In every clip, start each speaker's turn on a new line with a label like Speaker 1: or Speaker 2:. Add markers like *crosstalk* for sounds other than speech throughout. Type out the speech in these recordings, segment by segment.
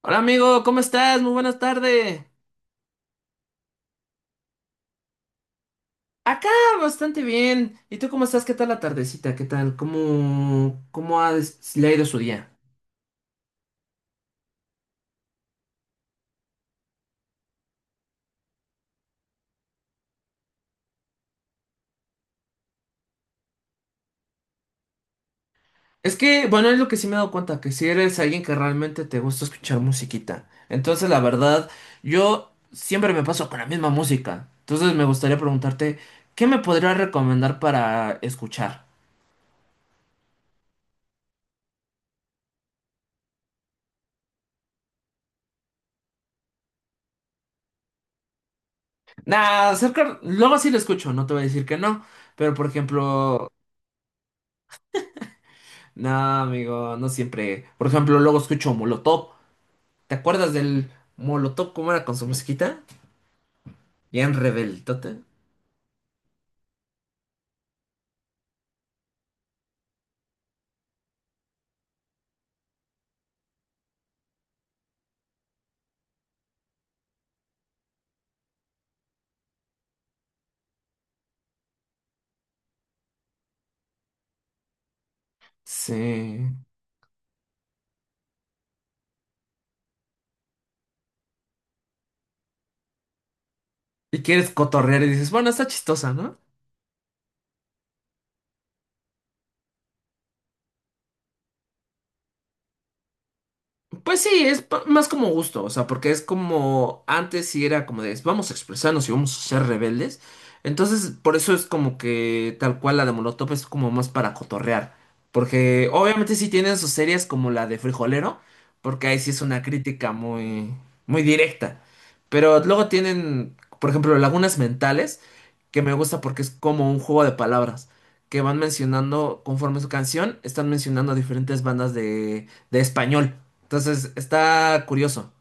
Speaker 1: Hola amigo, ¿cómo estás? Muy buenas tardes. Acá bastante bien. ¿Y tú cómo estás? ¿Qué tal la tardecita? ¿Qué tal? ¿Cómo le ha ido su día? Es que, bueno, es lo que sí me he dado cuenta, que si eres alguien que realmente te gusta escuchar musiquita. Entonces, la verdad, yo siempre me paso con la misma música. Entonces, me gustaría preguntarte, ¿qué me podrías recomendar para escuchar? Nah, luego sí lo escucho, no te voy a decir que no. Pero, por ejemplo... No, amigo, no siempre. Por ejemplo, luego escucho Molotov. ¿Te acuerdas del Molotov cómo era con su musiquita? Bien rebeldote. Sí. Y quieres cotorrear y dices, bueno, está chistosa, ¿no? Pues sí, es más como gusto, o sea, porque es como antes sí era como de vamos a expresarnos y vamos a ser rebeldes. Entonces, por eso es como que tal cual la de Molotov es como más para cotorrear. Porque obviamente sí tienen sus series como la de Frijolero, porque ahí sí es una crítica muy, muy directa. Pero luego tienen, por ejemplo, Lagunas Mentales que me gusta porque es como un juego de palabras, que van mencionando, conforme su canción, están mencionando diferentes bandas de español. Entonces, está curioso,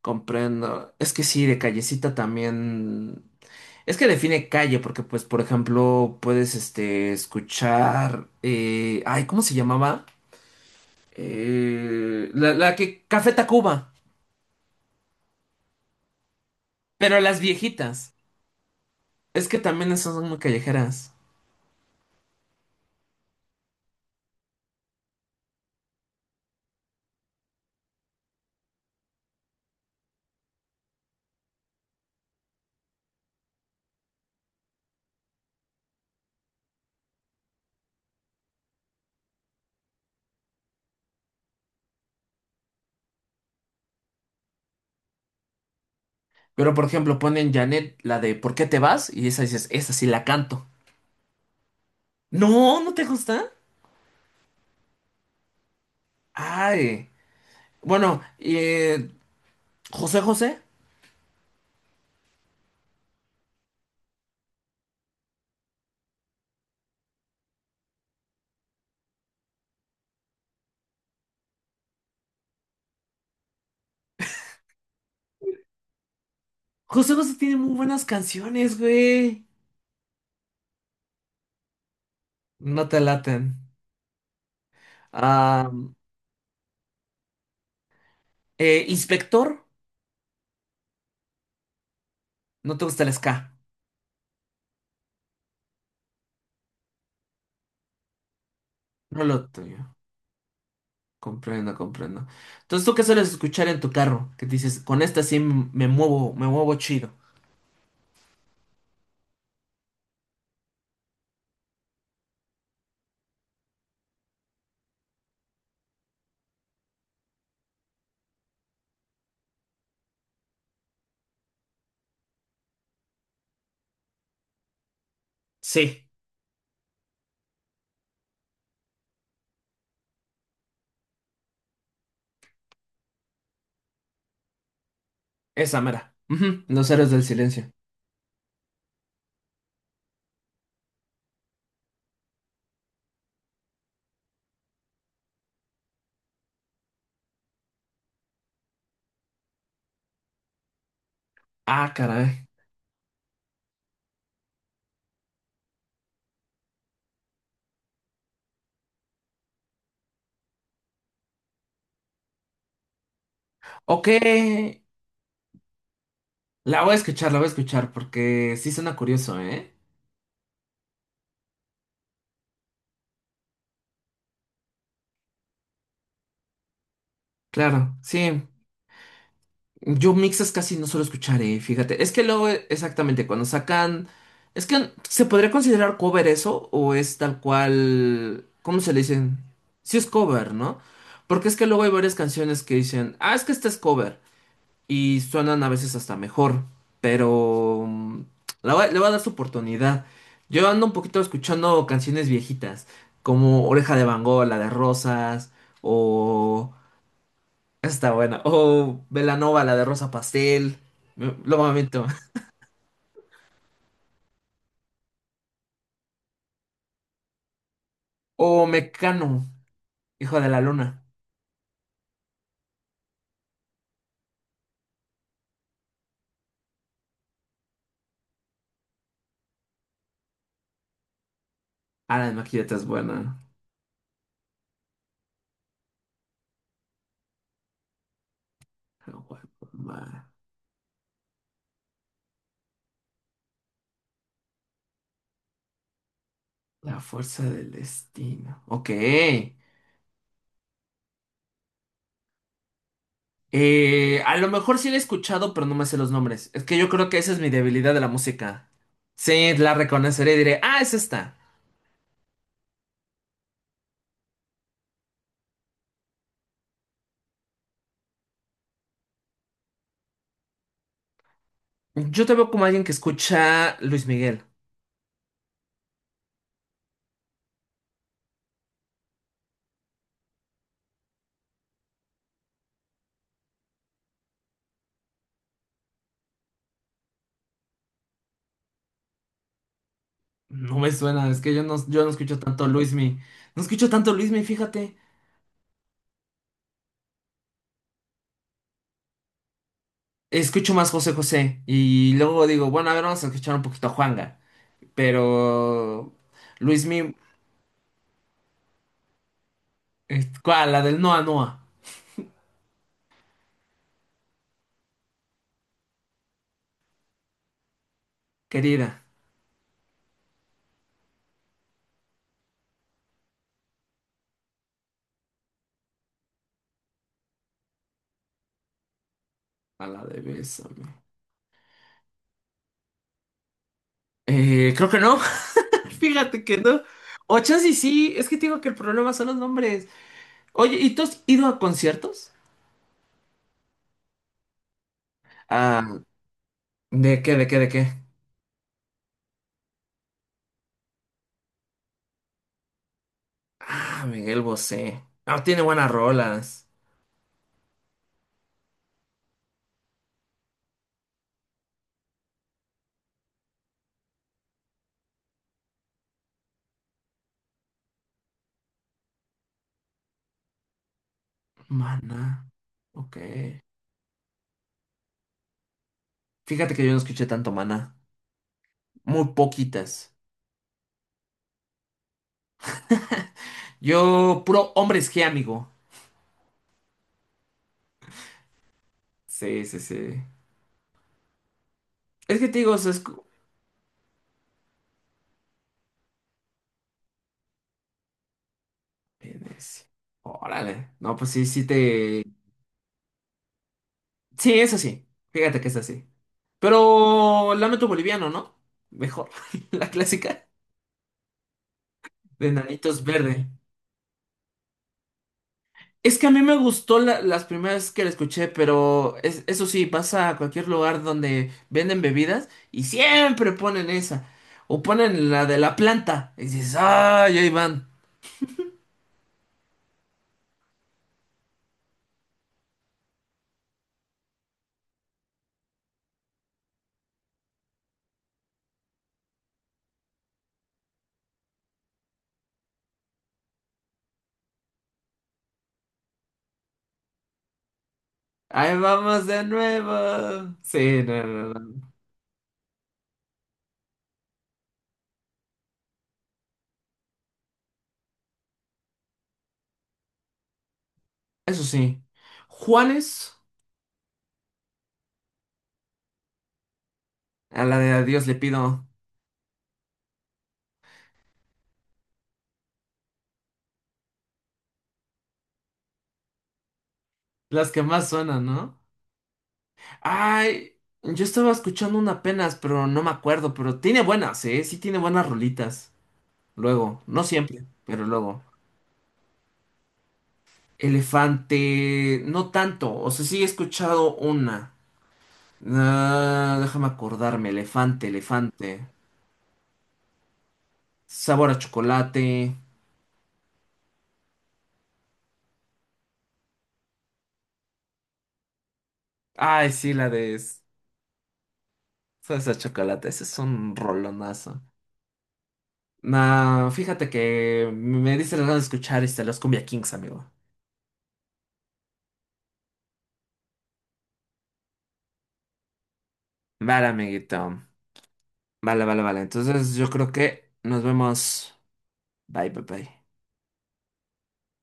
Speaker 1: comprendo. Es que sí, de callecita también. Es que define calle, porque pues, por ejemplo, puedes escuchar... ay, ¿cómo se llamaba? La que... Café Tacuba, pero las viejitas. Es que también esas son muy callejeras. Pero, por ejemplo, ponen Janet, la de ¿Por qué te vas? Y esa dices, esa sí la canto. No, ¿no te gusta? Ay. Bueno, eh, José José. José José tiene muy buenas canciones, güey. No te laten. Ah, Inspector, no te gusta el ska. No lo tuyo. Comprendo, comprendo. Entonces, ¿tú qué sueles escuchar en tu carro? Que dices, con esta sí me muevo chido. Sí, esa mera. Ujú, los Héroes del Silencio. Ah, caray. Ok, la voy a escuchar, la voy a escuchar porque sí suena curioso, ¿eh? Claro, sí. Yo mixes casi no suelo escuchar, ¿eh? Fíjate. Es que luego, exactamente, cuando sacan. Es que se podría considerar cover eso o es tal cual. ¿Cómo se le dicen? Sí es cover, ¿no? Porque es que luego hay varias canciones que dicen, ah, es que este es cover, y suenan a veces hasta mejor, pero le voy a dar su oportunidad. Yo ando un poquito escuchando canciones viejitas, como Oreja de Van Gogh, la de Rosas, o... esa está buena. O Belanova, la de Rosa Pastel. Luego me meto. *laughs* O Mecano, Hijo de la Luna. Ah, la maquilleta es buena. La fuerza del destino. Ok. A lo mejor sí la he escuchado, pero no me sé los nombres. Es que yo creo que esa es mi debilidad de la música. Sí, la reconoceré y diré, ah, es esta. Yo te veo como alguien que escucha Luis Miguel. No me suena, es que yo no escucho tanto Luis Mi. No escucho tanto Luis Mi, fíjate. Escucho más José José. Y luego digo, bueno, a ver, vamos a escuchar un poquito a Juanga. Pero. Luis Mi. Eh, ¿cuál? La del Noa Noa. Querida. A la de Bésame. Creo que no. Fíjate que no. O chance y sí, es que te digo que el problema son los nombres. Oye, ¿y tú has ido a conciertos? Ah, de qué? Ah, Miguel Bosé. Ah, tiene buenas rolas. Mana. Ok. Fíjate que yo no escuché tanto Mana. Muy poquitas. Yo, puro Hombres G, amigo. Sí, sí, sí. Es que te digo, o sea, es... Venecia. Órale. No, pues sí, sí te... Sí, es así. Fíjate que es así. Pero Lamento Boliviano, ¿no? Mejor. *laughs* La clásica de Nanitos Verde. Es que a mí me gustó las primeras que la escuché, pero eso sí, vas a cualquier lugar donde venden bebidas y siempre ponen esa. O ponen la de la planta. Y dices, ¡ay, ahí van! ¡Ahí vamos de nuevo! Sí, no, no, no. Eso sí. Juanes, a la de A Dios le Pido. Las que más suenan, ¿no? Ay, yo estaba escuchando una apenas, pero no me acuerdo, pero tiene buenas, ¿eh? Sí tiene buenas rolitas. Luego, no siempre, pero luego. Elefante, no tanto, o sea, sí he escuchado una. Ah, déjame acordarme, elefante, elefante. Sabor a chocolate. Ay, sí, salsa de chocolate, ese es un rolonazo. Nah, fíjate que me dice las ganas de escuchar los Cumbia Kings, amigo. Vale, amiguito. Vale, vale, vale. Entonces yo creo que nos vemos. Bye, bye, bye.